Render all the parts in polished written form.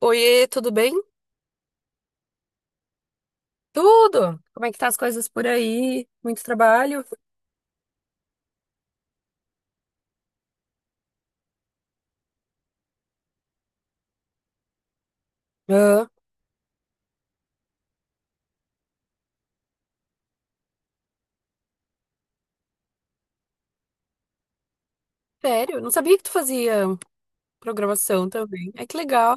Oiê, tudo bem? Tudo! Como é que tá as coisas por aí? Muito trabalho? Ah, sério? Não sabia que tu fazia programação também. É que legal.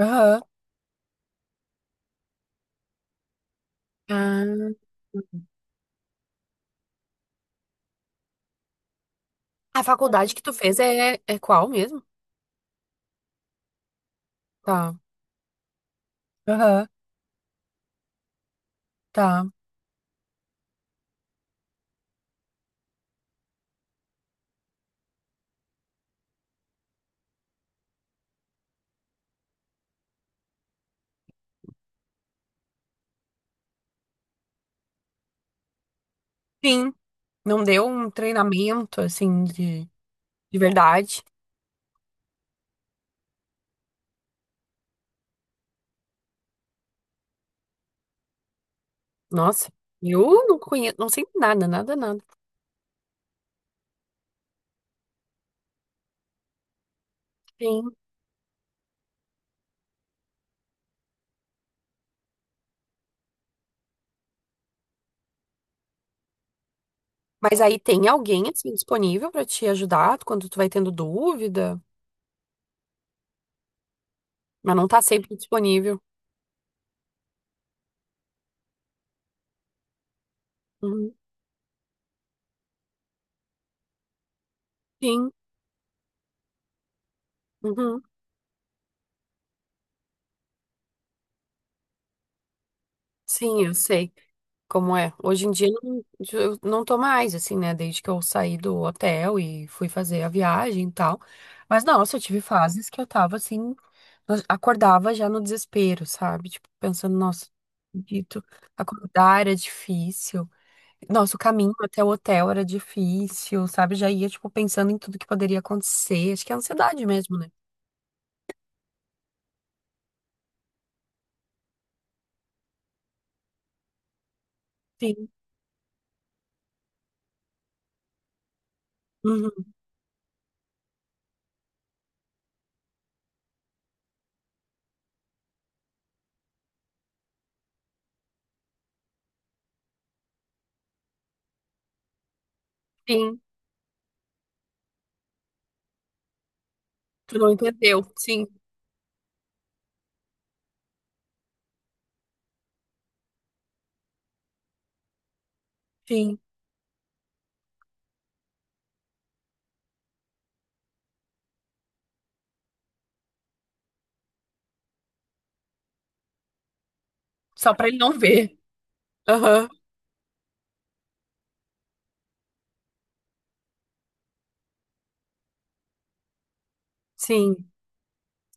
Aham. Ah, a faculdade que tu fez é, qual mesmo? Tá. Aham. Tá. Sim. Não deu um treinamento, assim, de verdade. Nossa, eu não conheço, não sei nada, nada, nada. Sim. Mas aí tem alguém, assim, disponível pra te ajudar quando tu vai tendo dúvida, mas não tá sempre disponível. Uhum. Sim, uhum. Sim, eu sei como é. Hoje em dia eu não tô mais, assim, né? Desde que eu saí do hotel e fui fazer a viagem e tal. Mas, nossa, eu tive fases que eu tava assim, eu acordava já no desespero, sabe? Tipo, pensando, nossa, não acredito, acordar era difícil. Nossa, o caminho até o hotel era difícil, sabe? Já ia, tipo, pensando em tudo que poderia acontecer. Acho que é ansiedade mesmo, né? Sim. Uhum. Sim. Tu não entendeu. Sim, sim. Só pra ele não ver. Aham. Sim.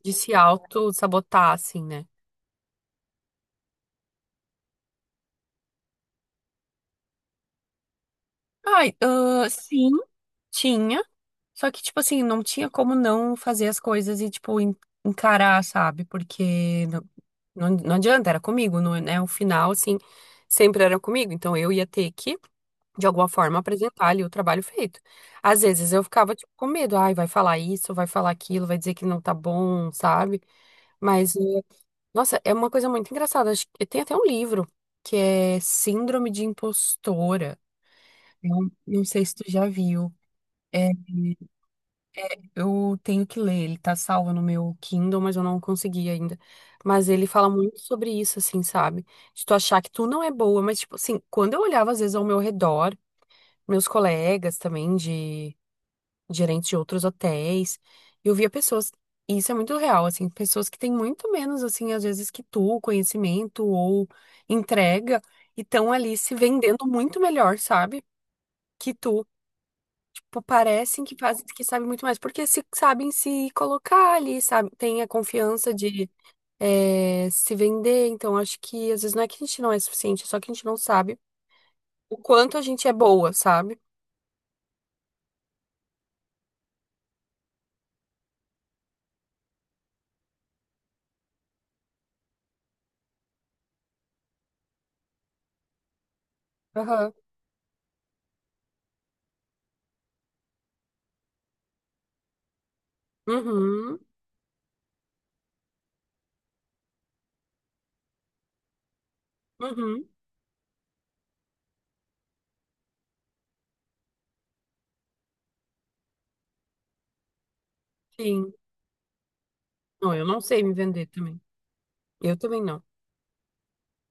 De se auto-sabotar, assim, né? Ai, ah, sim, tinha. Só que, tipo assim, não tinha como não fazer as coisas e, tipo, encarar, sabe? Porque não, não, não adianta, era comigo, não, é- né? O final, assim, sempre era comigo. Então eu ia ter que, de alguma forma, apresentar ali o trabalho feito. Às vezes eu ficava, tipo, com medo. Ai, vai falar isso, vai falar aquilo, vai dizer que não tá bom, sabe? Mas. eh, Nossa, é uma coisa muito engraçada. Acho que tem até um livro que é Síndrome de Impostora. Não, não sei se tu já viu. É, eu tenho que ler, ele tá salvo no meu Kindle, mas eu não consegui ainda. Mas ele fala muito sobre isso, assim, sabe? De tu achar que tu não é boa, mas, tipo, assim, quando eu olhava, às vezes, ao meu redor, meus colegas também de gerentes de outros hotéis. Eu via pessoas, e isso é muito real, assim, pessoas que têm muito menos, assim, às vezes que tu, conhecimento ou entrega, e estão ali se vendendo muito melhor, sabe? Que tu, tipo, parecem que fazem, que sabem muito mais, porque se, sabem se colocar ali, sabe? Tem a confiança de se vender, então acho que às vezes não é que a gente não é suficiente, é só que a gente não sabe o quanto a gente é boa, sabe? Aham. Uhum. Uhum. Sim. Não, eu não sei me vender também. Eu também não.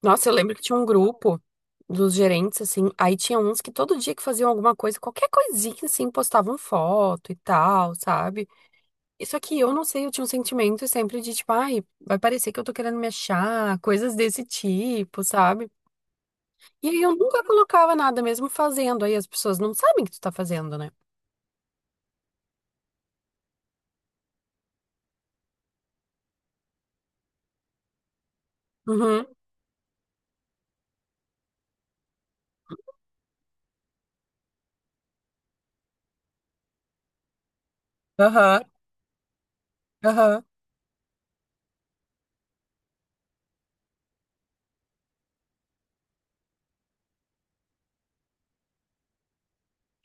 Nossa, eu lembro que tinha um grupo dos gerentes, assim, aí tinha uns que todo dia que faziam alguma coisa, qualquer coisinha, assim, postavam foto e tal, sabe? Isso aqui eu não sei, eu tinha um sentimento sempre de, tipo, ai, vai parecer que eu tô querendo me achar, coisas desse tipo, sabe? E aí eu nunca colocava nada, mesmo fazendo, aí as pessoas não sabem que tu tá fazendo, né? Uhum, aham, aham,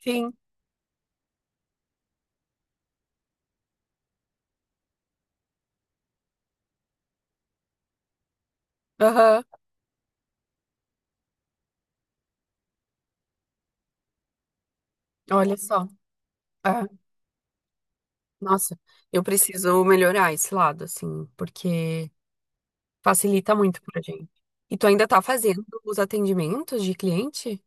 sim, aham, olha só. É. Nossa, eu preciso melhorar esse lado, assim, porque facilita muito pra gente. E tu ainda tá fazendo os atendimentos de cliente?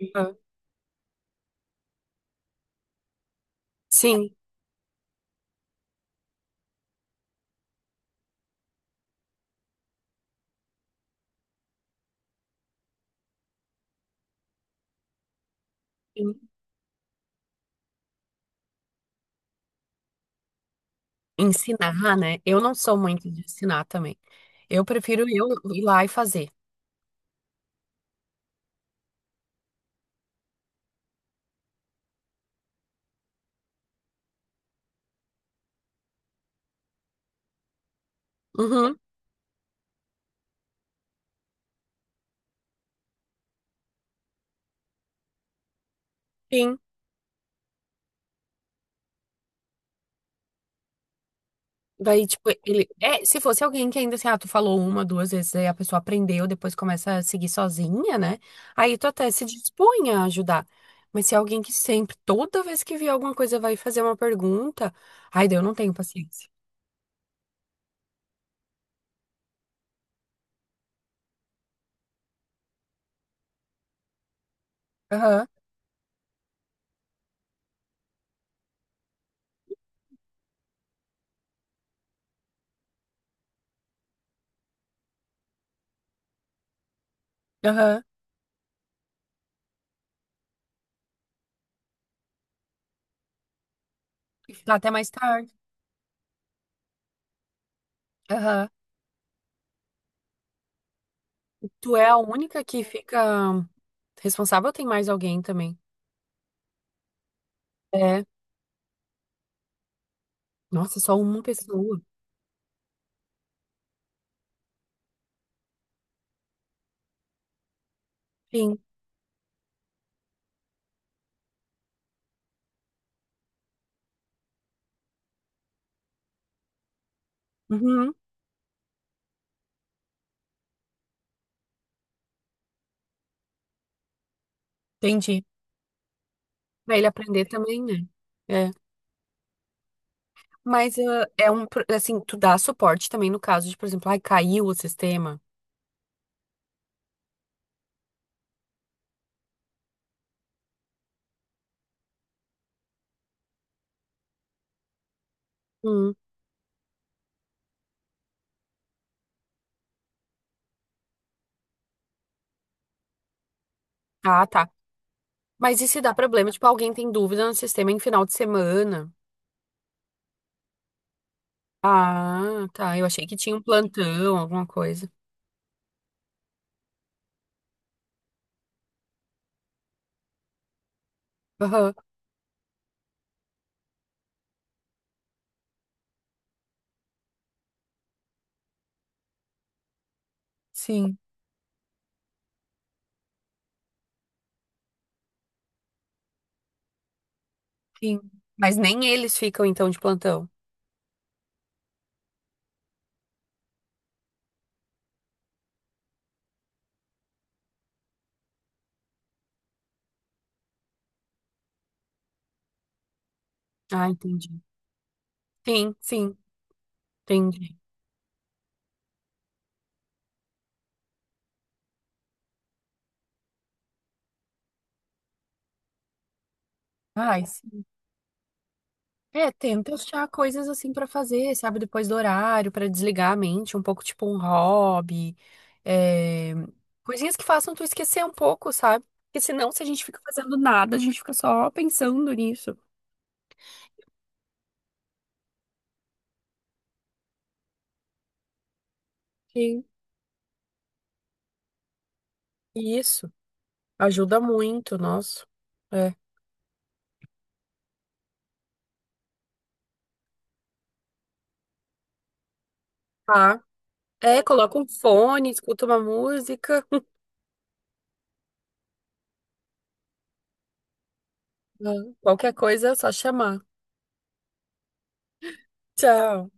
Uhum. Sim. Sim. Ensinar, né? Eu não sou muito de ensinar também. Eu prefiro eu ir lá e fazer. Uhum, sim. Daí, tipo, ele. É, se fosse alguém que ainda assim, ah, tu falou uma, duas vezes, aí a pessoa aprendeu, depois começa a seguir sozinha, né? Aí tu até se dispõe a ajudar. Mas se é alguém que sempre, toda vez que vê alguma coisa, vai fazer uma pergunta, ai, daí eu não tenho paciência. Aham, aham. Tá até mais tarde. Aham. Tu é a única que fica responsável ou tem mais alguém também? É. Nossa, só uma pessoa. Sim. Uhum. Entendi. Pra ele aprender também, né? É. Mas ah, é um, assim, tu dá suporte também no caso de, por exemplo, ai, caiu o sistema. Hum. Ah, tá. Mas e se dá problema? Tipo, alguém tem dúvida no sistema em final de semana? Ah, tá. Eu achei que tinha um plantão, alguma coisa. Aham. Sim, sim. Mas nem eles ficam, então, de plantão. Ah, entendi. Sim, sim, entendi. Ai, sim. É, tenta achar coisas assim pra fazer, sabe, depois do horário, pra desligar a mente, um pouco tipo um hobby, é, coisinhas que façam tu esquecer um pouco, sabe? Porque senão, se a gente fica fazendo nada, a gente fica só pensando nisso. Sim. Isso, ajuda muito, nossa. É. Tá. É, coloca um fone, escuta uma música, qualquer coisa é só chamar. Tchau.